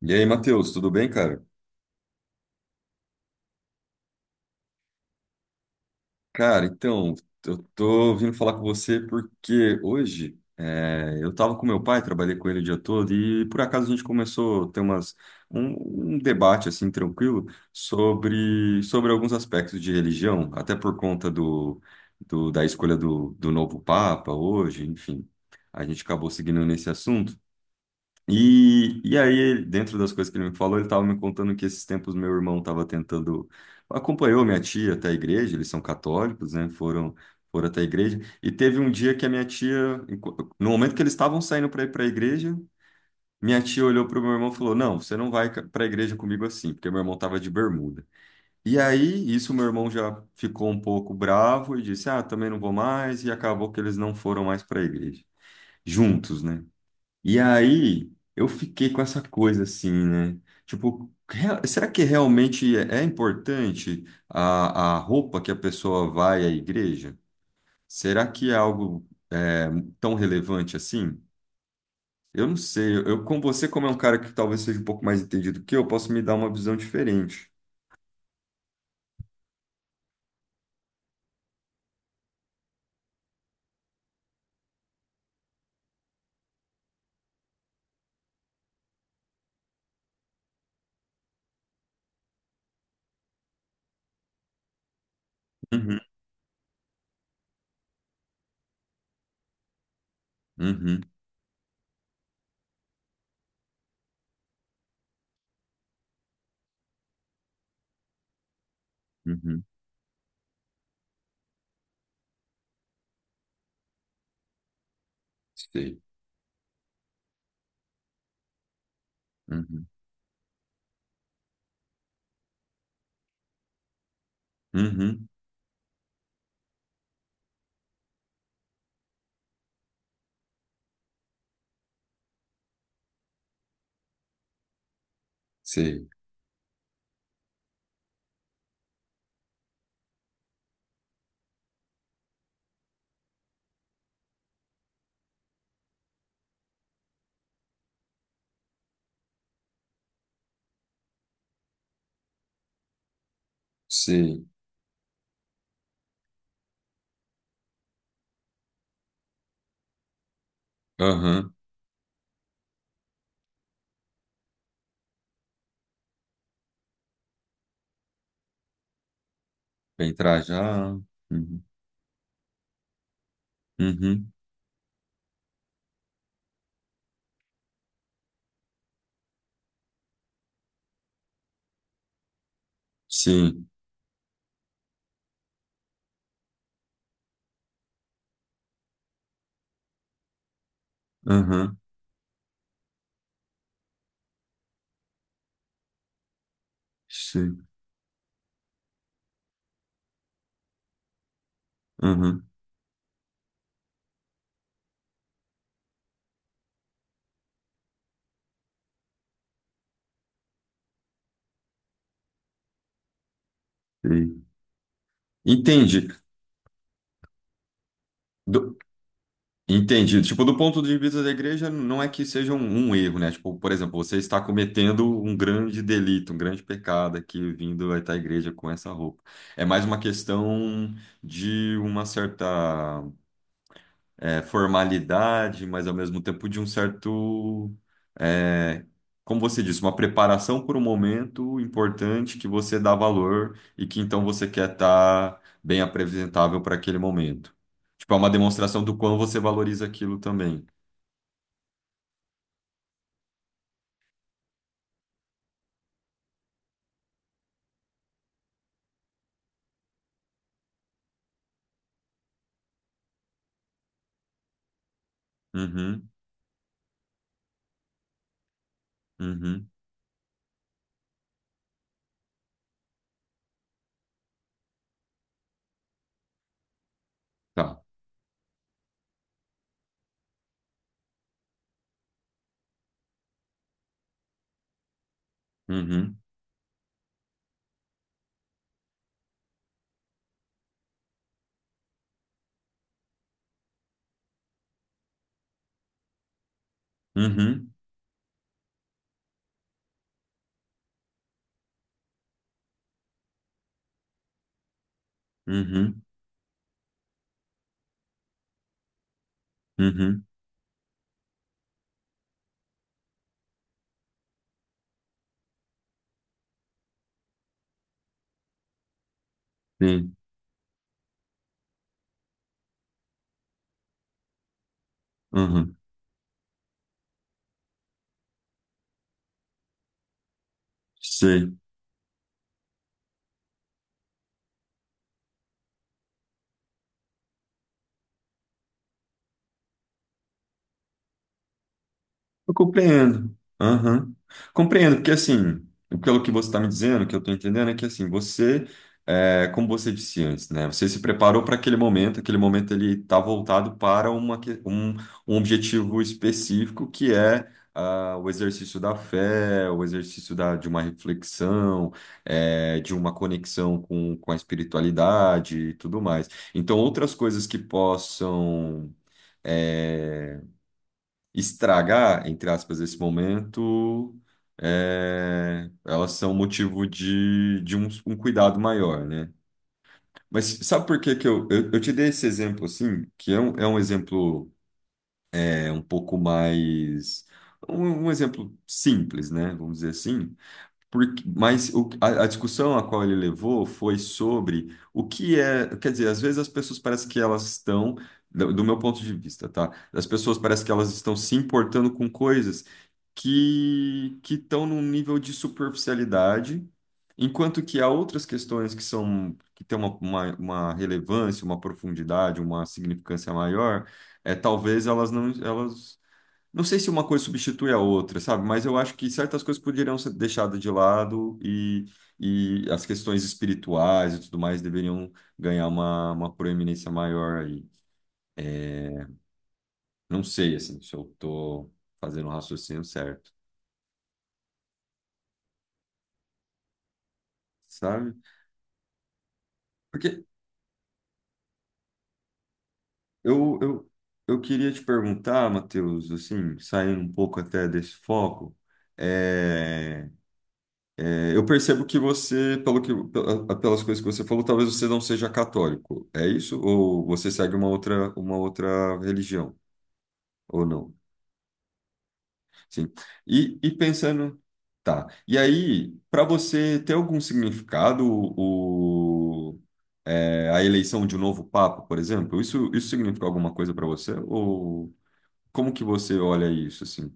E aí, Matheus, tudo bem, cara? Cara, então, eu tô vindo falar com você porque hoje eu tava com meu pai, trabalhei com ele o dia todo e por acaso a gente começou a ter um debate assim tranquilo sobre alguns aspectos de religião, até por conta da escolha do novo Papa hoje, enfim. A gente acabou seguindo nesse assunto. E aí, dentro das coisas que ele me falou, ele estava me contando que esses tempos meu irmão estava tentando. Acompanhou minha tia até a igreja, eles são católicos, né? Foram até a igreja. E teve um dia que a minha tia, no momento que eles estavam saindo para ir para a igreja, minha tia olhou para o meu irmão e falou: Não, você não vai para a igreja comigo assim, porque meu irmão estava de bermuda. E aí, isso meu irmão já ficou um pouco bravo e disse: Ah, também não vou mais. E acabou que eles não foram mais para a igreja, juntos, né? E aí eu fiquei com essa coisa assim, né? Tipo, será que realmente é importante a roupa que a pessoa vai à igreja? Será que é algo tão relevante assim? Eu não sei. Eu, com você, como é um cara que talvez seja um pouco mais entendido que eu, posso me dar uma visão diferente. Uhum, uhum, uhum. Sei. Uhum, uhum. Sei, sei. Aham. Bem trajado. Uhum, uhum. Sim. Aham, sim. Uhum, sei. Entendi. Do- entendi. Tipo, do ponto de vista da igreja, não é que seja um erro, né? Tipo, por exemplo, você está cometendo um grande delito, um grande pecado aqui vindo até a igreja com essa roupa. É mais uma questão de uma certa formalidade, mas ao mesmo tempo de um certo, é, como você disse, uma preparação por um momento importante que você dá valor e que então você quer estar bem apresentável para aquele momento. Tipo, é uma demonstração do quão você valoriza aquilo também. Uhum, uhum, tá. Uhum, uhum, uhum, uhum, sim, uhum, sei. Eu compreendo. Aham. Compreendo, porque assim, pelo que você está me dizendo, o que eu estou entendendo é que assim, você, como você disse antes, né? Você se preparou para aquele momento ele está voltado para um objetivo específico que é o exercício da fé, o exercício de uma reflexão, de uma conexão com a espiritualidade e tudo mais. Então, outras coisas que possam. eh, Estragar, entre aspas, esse momento, elas são motivo de um cuidado maior, né? Mas sabe por que que eu te dei esse exemplo assim, que é é um exemplo um pouco mais. Um exemplo simples, né? Vamos dizer assim. Porque, mas a discussão a qual ele levou foi sobre o que é. Quer dizer, às vezes as pessoas parecem que elas estão, do meu ponto de vista, tá? As pessoas parecem que elas estão se importando com coisas que estão num nível de superficialidade, enquanto que há outras questões que são que têm uma relevância, uma profundidade, uma significância maior, talvez elas não sei se uma coisa substitui a outra, sabe? Mas eu acho que certas coisas poderiam ser deixadas de lado e as questões espirituais e tudo mais deveriam ganhar uma proeminência maior aí. Não sei, assim, se eu tô fazendo o raciocínio certo, sabe? Porque eu, eu, eu queria te perguntar, Matheus, assim, saindo um pouco até desse foco, eh, eu percebo que você, pelas coisas que você falou, talvez você não seja católico. É isso? Ou você segue uma outra religião? Ou não? Sim. E pensando, tá. E aí, para você ter algum significado, a eleição de um novo papa, por exemplo, isso significa alguma coisa para você? Ou como que você olha isso, assim?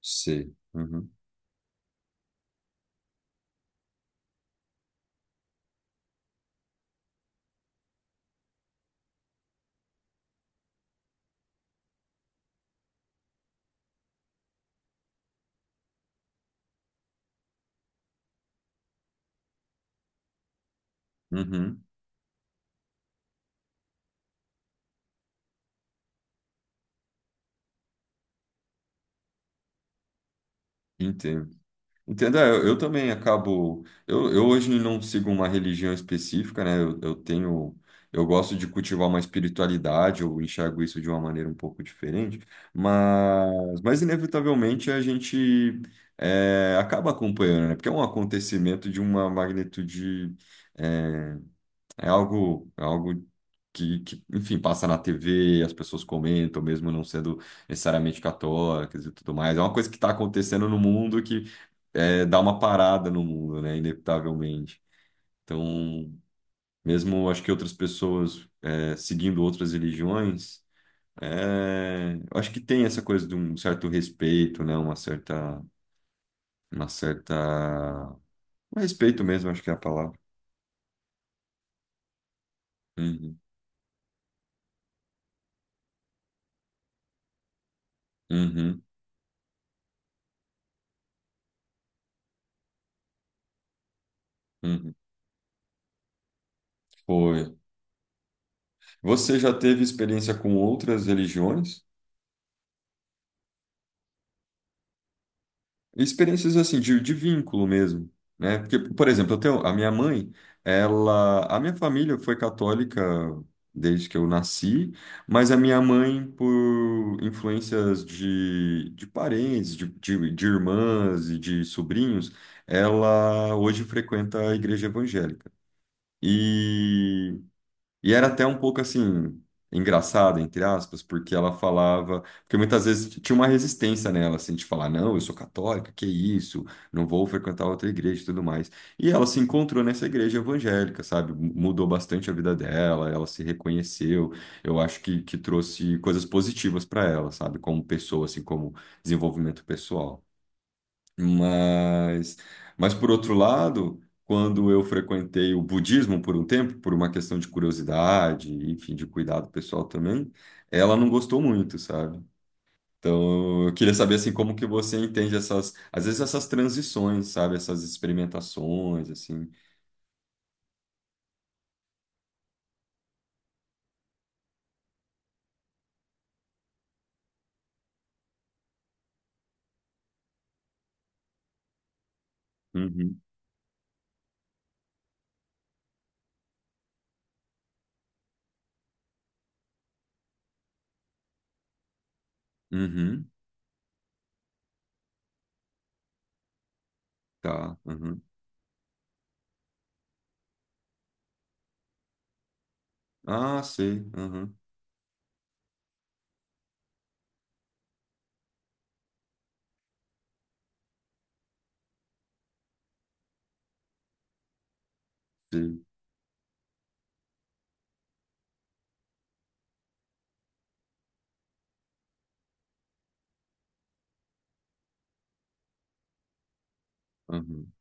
Sei. Uhum. Uhum. Entendo. Entendeu? É, eu também acabo. Eu hoje não sigo uma religião específica, né? Eu tenho. Eu gosto de cultivar uma espiritualidade, eu enxergo isso de uma maneira um pouco diferente, mas inevitavelmente a gente acaba acompanhando, né? Porque é um acontecimento de uma magnitude eh, é algo, enfim, passa na TV, as pessoas comentam, mesmo não sendo necessariamente católicas e tudo mais. É uma coisa que está acontecendo no mundo que dá uma parada no mundo, né? Inevitavelmente. Então, mesmo acho que outras pessoas seguindo outras religiões, eu acho que tem essa coisa de um certo respeito, né? Uma certa, um respeito mesmo, acho que é a palavra. Uhum, uhum, uhum. Foi. Você já teve experiência com outras religiões? Experiências assim, de vínculo mesmo, né? Porque, por exemplo, eu tenho, a minha mãe, ela, a minha família foi católica desde que eu nasci, mas a minha mãe, por influências de parentes, de irmãs e de sobrinhos, ela hoje frequenta a igreja evangélica. E E era até um pouco assim, engraçado, entre aspas, porque ela falava. Porque muitas vezes tinha uma resistência nela, assim, de falar: não, eu sou católica, que isso, não vou frequentar outra igreja e tudo mais. E ela se encontrou nessa igreja evangélica, sabe? Mudou bastante a vida dela, ela se reconheceu. Eu acho que trouxe coisas positivas para ela, sabe? Como pessoa, assim, como desenvolvimento pessoal. Mas, mas por outro lado, quando eu frequentei o budismo por um tempo, por uma questão de curiosidade, enfim, de cuidado pessoal também, ela não gostou muito, sabe? Então, eu queria saber assim como que você entende essas, às vezes essas transições, sabe? Essas experimentações, assim. Uhum, uhum, tá, uhum. Ah, sei, uhum,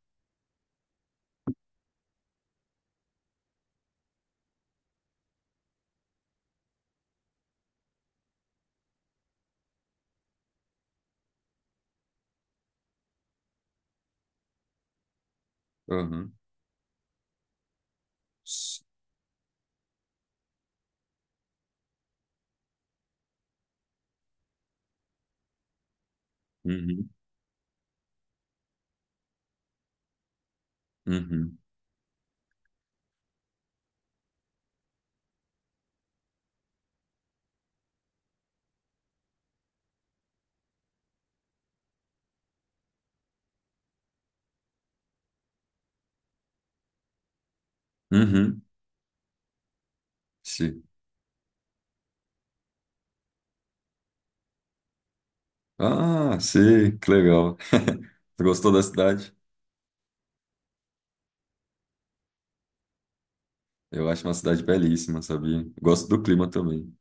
uhum, s- uhum, uhum, uhum, sei. Ah, sim, que legal. Tu gostou da cidade? Eu acho uma cidade belíssima, sabia? Gosto do clima também.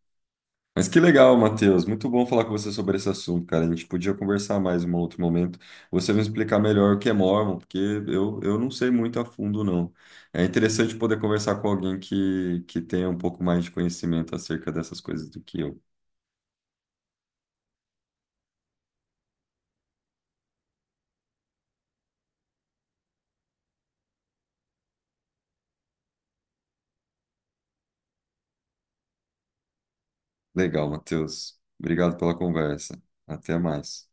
Mas que legal, Matheus. Muito bom falar com você sobre esse assunto, cara. A gente podia conversar mais em um outro momento. Você me explicar melhor o que é Mormon, porque eu não sei muito a fundo, não. É interessante poder conversar com alguém que tenha um pouco mais de conhecimento acerca dessas coisas do que eu. Legal, Matheus. Obrigado pela conversa. Até mais.